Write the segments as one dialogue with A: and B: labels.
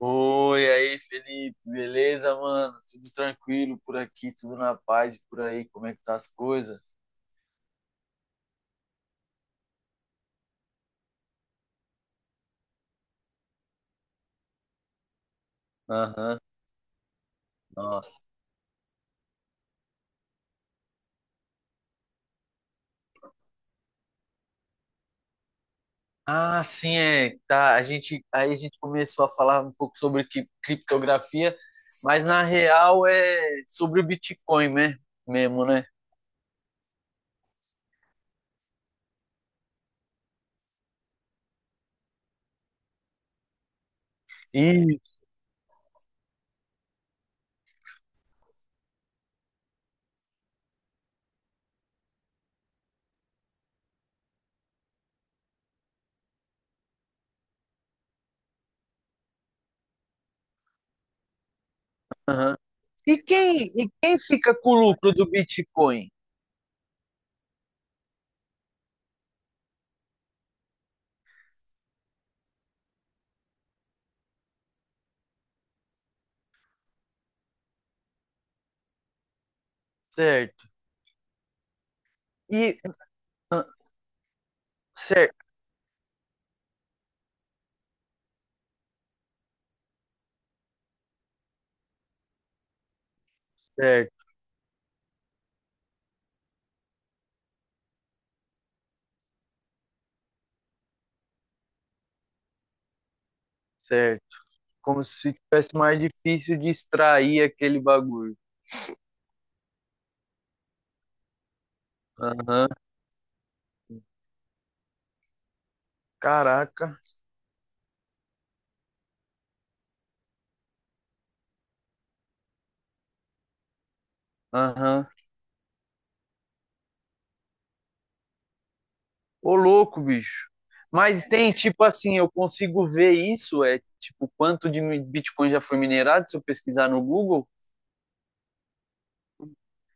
A: Oi, aí, Felipe, beleza, mano? Tudo tranquilo por aqui, tudo na paz e por aí, como é que tá as coisas? Aham, nossa. Ah, sim, é, tá, a gente, aí a gente começou a falar um pouco sobre criptografia, mas na real é sobre o Bitcoin, né, mesmo, né? Isso, aham. E quem fica com o lucro do Bitcoin? Certo. E, ah, certo, certo, certo. Como se tivesse mais difícil de extrair aquele bagulho. Aham. Caraca. Aham. Ô, louco, bicho. Mas tem, tipo assim, eu consigo ver isso, é, tipo, quanto de Bitcoin já foi minerado, se eu pesquisar no Google.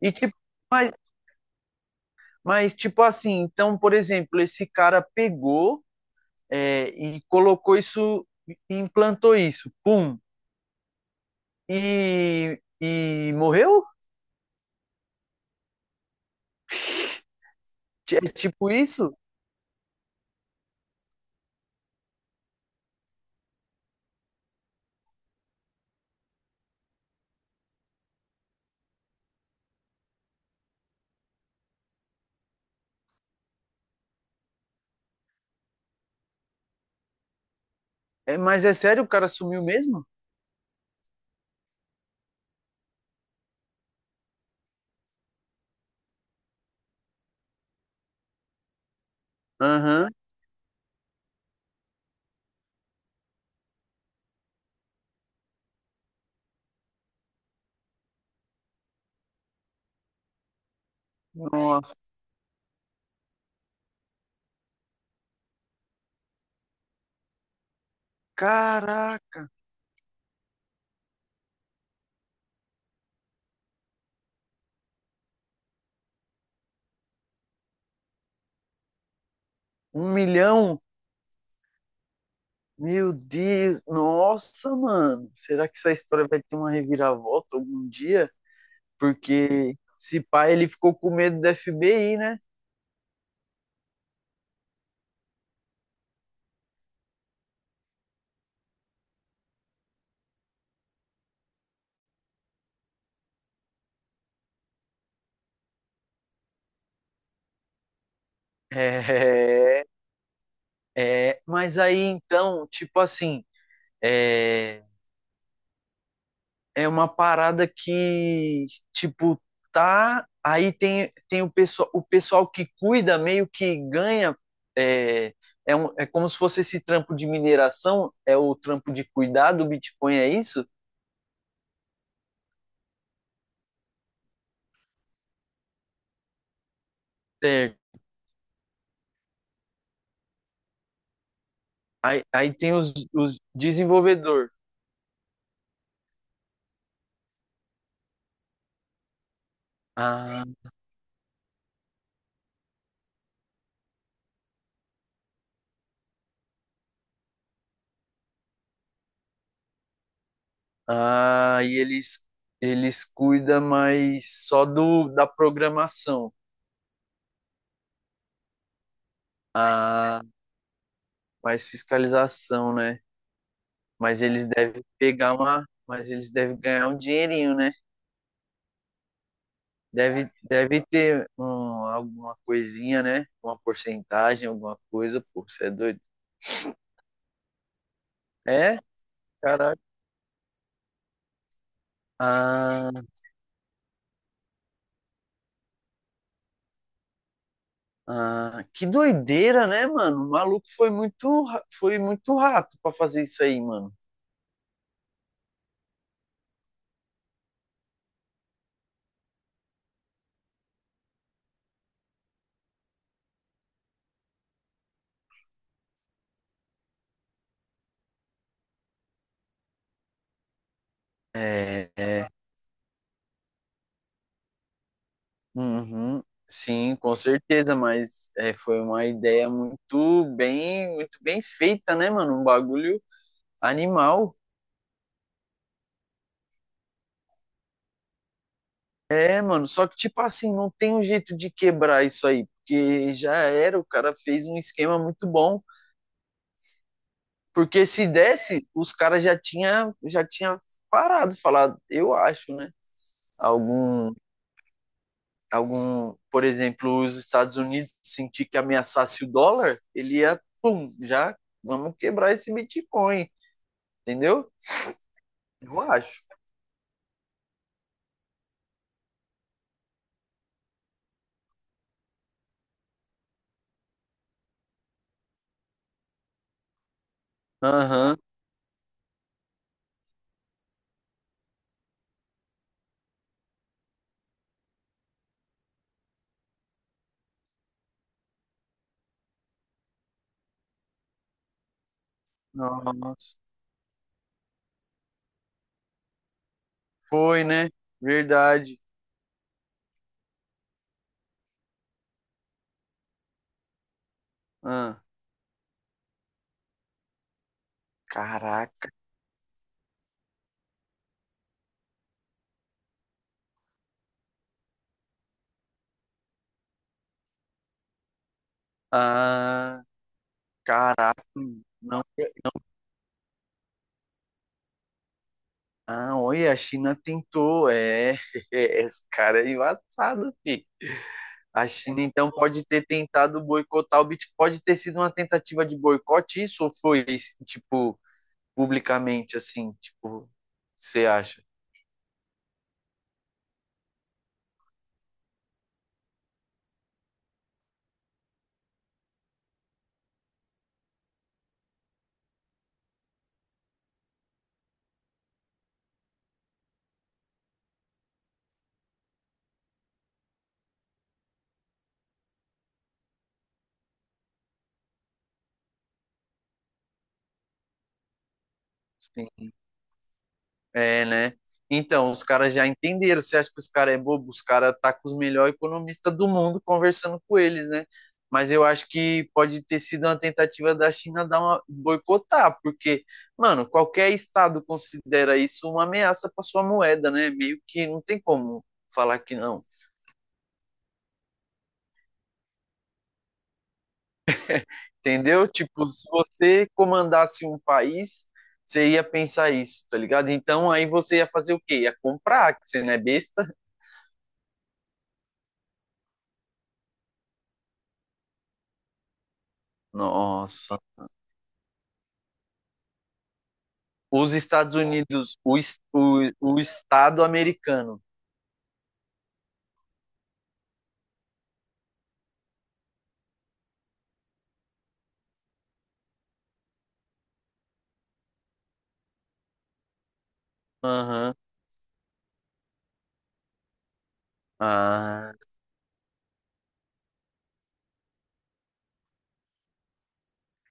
A: E, tipo, mas, mas tipo assim, então, por exemplo, esse cara pegou, é, e colocou isso, e implantou isso, pum, e morreu? É tipo isso? É, mas é sério, o cara sumiu mesmo? Aham. Nossa, caraca, um milhão? Meu Deus, nossa, mano. Será que essa história vai ter uma reviravolta algum dia? Porque se pá, ele ficou com medo da FBI, né? É, é, mas aí então, tipo assim, é, é uma parada que, tipo, tá. Aí tem, tem o pessoal que cuida, meio que ganha. É, é, um, é como se fosse esse trampo de mineração, é o trampo de cuidar do Bitcoin, é isso? É, aí, aí tem os desenvolvedor. Ah, ah, e eles cuidam mais só do, da programação. Ah, mais fiscalização, né? Mas eles devem pegar uma. Mas eles devem ganhar um dinheirinho, né? Deve, deve ter um, alguma coisinha, né? Uma porcentagem, alguma coisa, pô, você é doido. É? Caraca. Ah, ah, que doideira, né, mano? O maluco foi muito, foi muito rato pra fazer isso aí, mano. É, é, uhum, sim, com certeza, mas é, foi uma ideia muito bem feita, né, mano? Um bagulho animal. É, mano, só que, tipo assim, não tem um jeito de quebrar isso aí, porque já era, o cara fez um esquema muito bom, porque se desse, os caras já tinha parado, falado, eu acho, né? Algum, algum, por exemplo, os Estados Unidos sentir que ameaçasse o dólar, ele ia, pum, já vamos quebrar esse Bitcoin, entendeu? Eu acho. Aham. Nossa. Foi, né? Verdade. Ah, caraca. Ah, caraca. Ah, olha, a China tentou. É, esse cara é embaçado, fi. A China então pode ter tentado boicotar o Bitcoin. Pode ter sido uma tentativa de boicote, isso ou foi, tipo, publicamente, assim, tipo, você acha? Sim. É, né? Então, os caras já entenderam. Você acha que os caras é bobo? Os caras tá com os melhores economistas do mundo conversando com eles, né? Mas eu acho que pode ter sido uma tentativa da China dar uma boicotar, porque, mano, qualquer estado considera isso uma ameaça para sua moeda, né? Meio que não tem como falar que não. Entendeu? Tipo, se você comandasse um país, você ia pensar isso, tá ligado? Então aí você ia fazer o quê? Ia comprar, que você não é besta? Nossa. Os Estados Unidos, o, o Estado americano. Aham. Ah.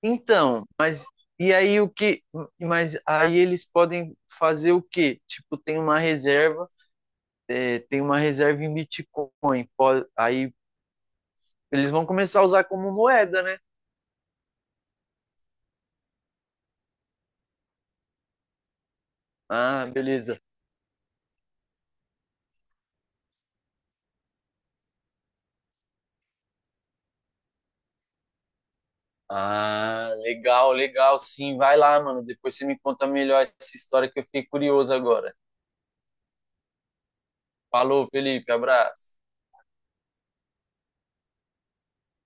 A: Então, mas e aí o que? Mas aí eles podem fazer o quê? Tipo, tem uma reserva, é, tem uma reserva em Bitcoin. Aí eles vão começar a usar como moeda, né? Ah, beleza. Ah, legal, legal, sim. Vai lá, mano. Depois você me conta melhor essa história que eu fiquei curioso agora. Falou, Felipe. Abraço.